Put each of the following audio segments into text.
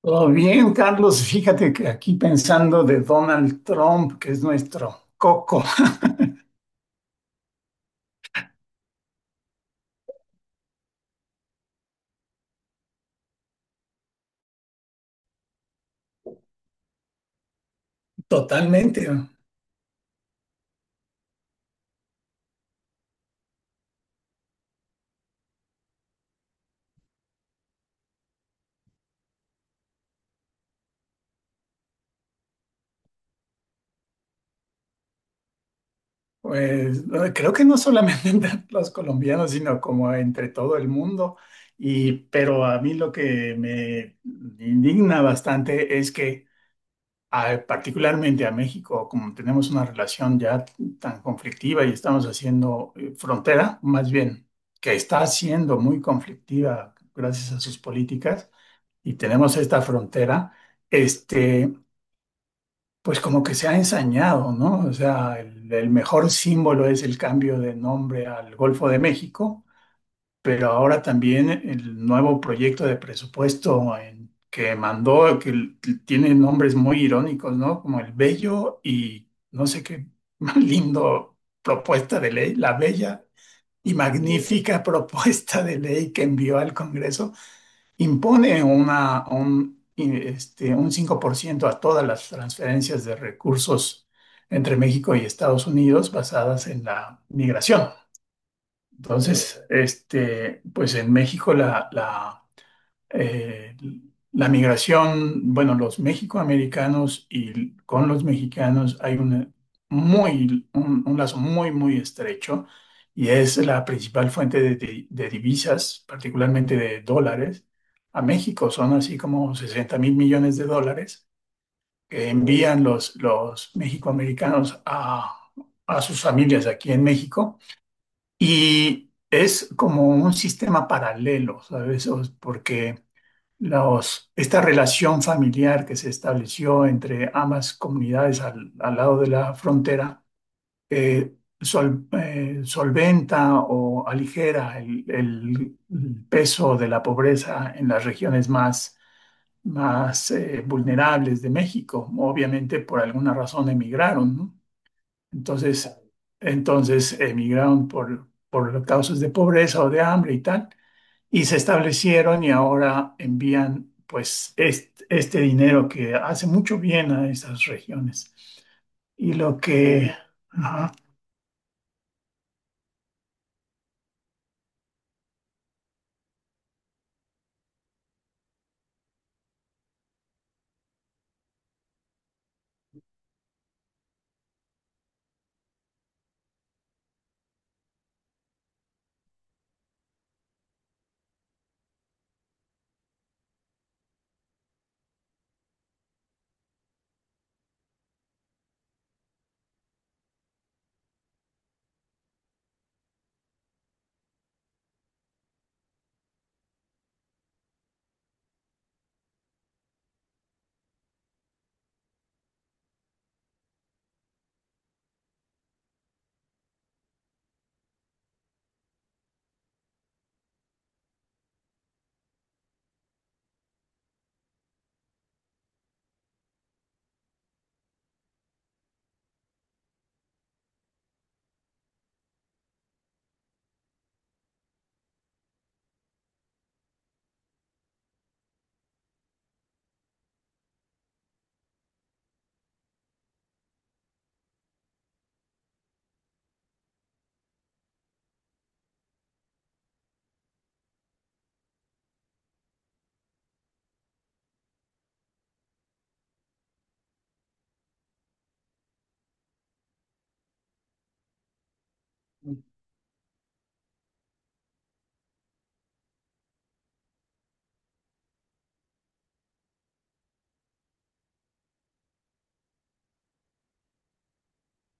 Todo bien, Carlos. Fíjate que aquí pensando de Donald Trump, que es nuestro coco, totalmente. Pues creo que no solamente entre los colombianos, sino como entre todo el mundo. Y pero a mí lo que me indigna bastante es que, particularmente a México, como tenemos una relación ya tan conflictiva y estamos haciendo frontera, más bien, que está siendo muy conflictiva gracias a sus políticas y tenemos esta frontera, este, pues como que se ha ensañado, ¿no? O sea, el mejor símbolo es el cambio de nombre al Golfo de México, pero ahora también el nuevo proyecto de presupuesto que mandó, tiene nombres muy irónicos, ¿no? Como el Bello y no sé qué más lindo propuesta de ley, la Bella y magnífica propuesta de ley que envió al Congreso impone un 5% a todas las transferencias de recursos entre México y Estados Unidos basadas en la migración. Entonces, pues en México la eh, la migración, bueno, los mexicoamericanos y con los mexicanos hay una un lazo muy estrecho y es la principal fuente de, de divisas, particularmente de dólares. A México son así como $60.000 millones que envían los mexicoamericanos a sus familias aquí en México y es como un sistema paralelo, ¿sabes? Porque esta relación familiar que se estableció entre ambas comunidades al lado de la frontera eh, solventa o aligera el peso de la pobreza en las regiones más vulnerables de México. Obviamente, por alguna razón emigraron, ¿no? Entonces, entonces emigraron por causas de pobreza o de hambre y tal y se establecieron y ahora envían pues este dinero que hace mucho bien a esas regiones. Y lo que... ajá.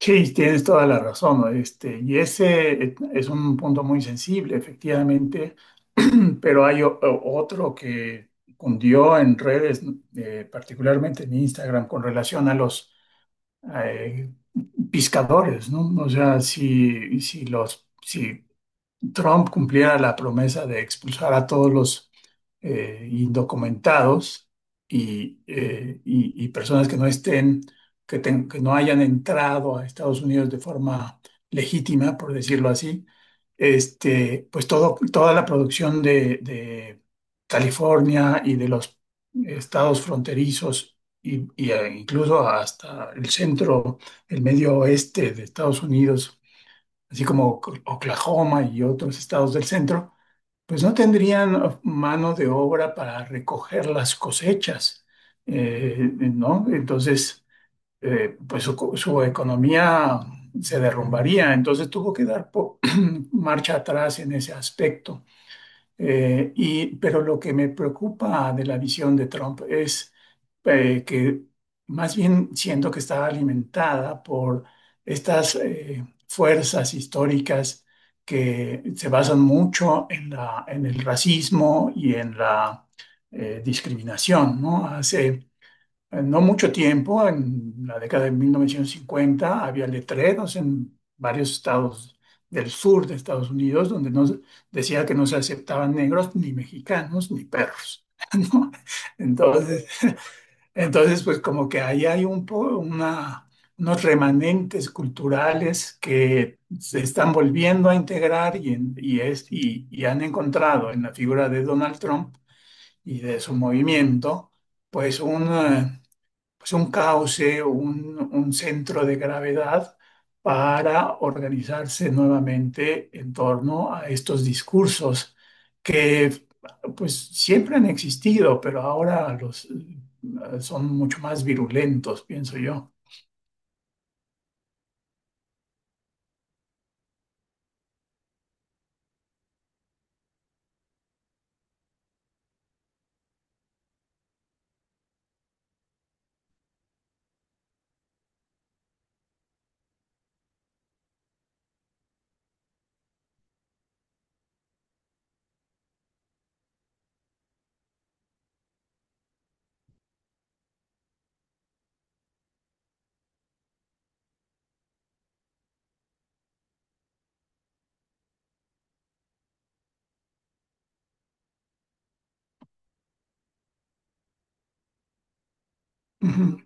Sí, tienes toda la razón, ¿no? Este, y ese es un punto muy sensible, efectivamente, pero hay otro que cundió en redes, particularmente en Instagram, con relación a los eh, pescadores, ¿no? O sea, si Trump cumpliera la promesa de expulsar a todos los indocumentados y, y personas que no estén, que no hayan entrado a Estados Unidos de forma legítima, por decirlo así, pues todo, toda la producción de California y de los estados fronterizos y, incluso hasta el centro, el medio oeste de Estados Unidos así como Oklahoma y otros estados del centro, pues no tendrían mano de obra para recoger las cosechas, ¿no? Entonces, pues su economía se derrumbaría, entonces tuvo que dar marcha atrás en ese aspecto. Pero lo que me preocupa de la visión de Trump es que más bien siento que está alimentada por estas fuerzas históricas que se basan mucho en en el racismo y en la discriminación, ¿no? Hace en no mucho tiempo, en la década de 1950, había letreros en varios estados del sur de Estados Unidos donde decía que no se aceptaban negros, ni mexicanos, ni perros. ¿No? Entonces, entonces, pues como que ahí hay unos remanentes culturales que se están volviendo a integrar y han encontrado en la figura de Donald Trump y de su movimiento, pues un eh, pues, un cauce, un centro de gravedad para organizarse nuevamente en torno a estos discursos que pues siempre han existido, pero ahora los son mucho más virulentos, pienso yo. Ujú.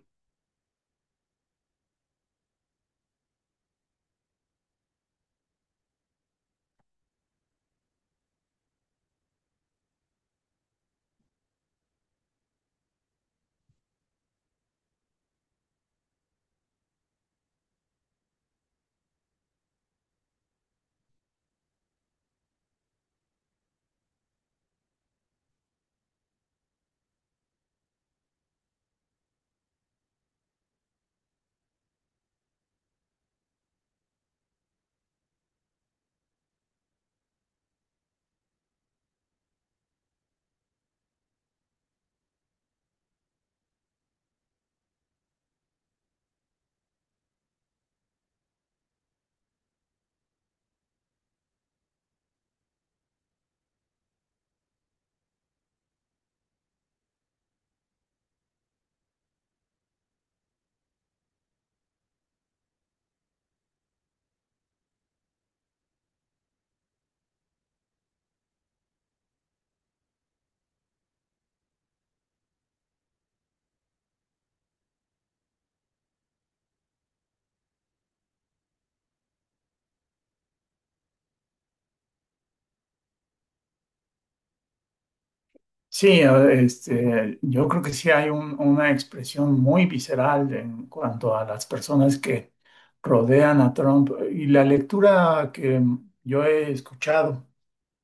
Sí, yo creo que sí hay una expresión muy visceral en cuanto a las personas que rodean a Trump y la lectura que yo he escuchado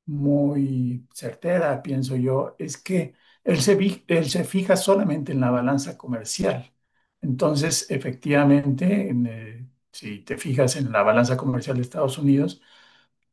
muy certera, pienso yo, es que él se fija solamente en la balanza comercial. Entonces, efectivamente, si te fijas en la balanza comercial de Estados Unidos,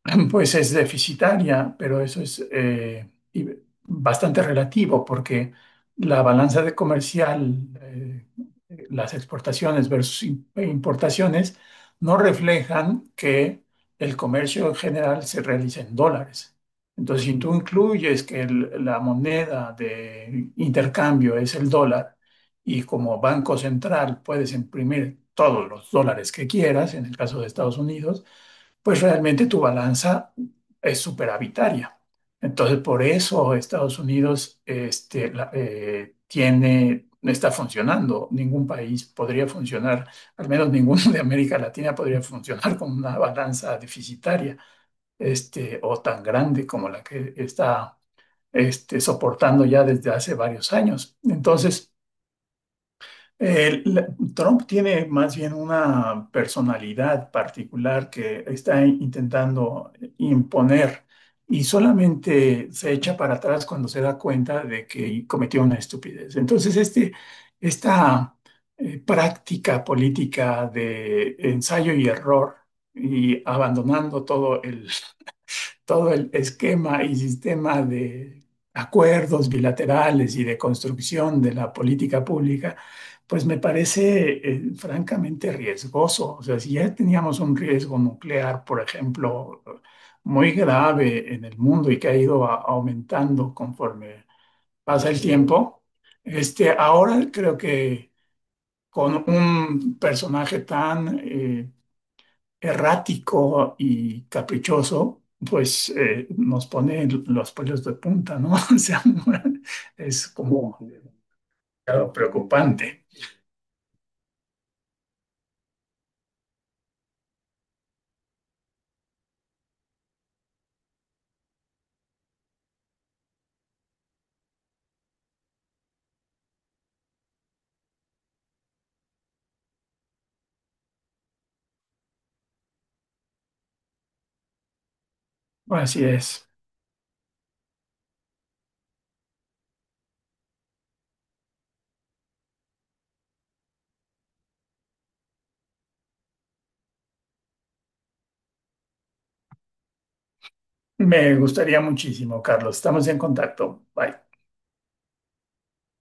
pues es deficitaria, pero eso es bastante relativo porque la balanza de comercial, las exportaciones versus importaciones, no reflejan que el comercio en general se realiza en dólares. Entonces, si tú incluyes que la moneda de intercambio es el dólar y como banco central puedes imprimir todos los dólares que quieras, en el caso de Estados Unidos, pues realmente tu balanza es superavitaria. Entonces, por eso Estados Unidos tiene, está funcionando. Ningún país podría funcionar, al menos ninguno de América Latina podría funcionar con una balanza deficitaria o tan grande como la que está soportando ya desde hace varios años. Entonces, eh, la- Trump tiene más bien una personalidad particular que está intentando imponer y solamente se echa para atrás cuando se da cuenta de que cometió una estupidez. Entonces, este, esta práctica política de ensayo y error y abandonando todo el esquema y sistema de acuerdos bilaterales y de construcción de la política pública, pues me parece francamente riesgoso. O sea, si ya teníamos un riesgo nuclear, por ejemplo, muy grave en el mundo y que ha ido aumentando conforme pasa el tiempo, ahora creo que con un personaje tan... errático y caprichoso, pues nos pone los pelos de punta, ¿no? O sea, es como claro, preocupante. Así es. Me gustaría muchísimo, Carlos. Estamos en contacto. Bye.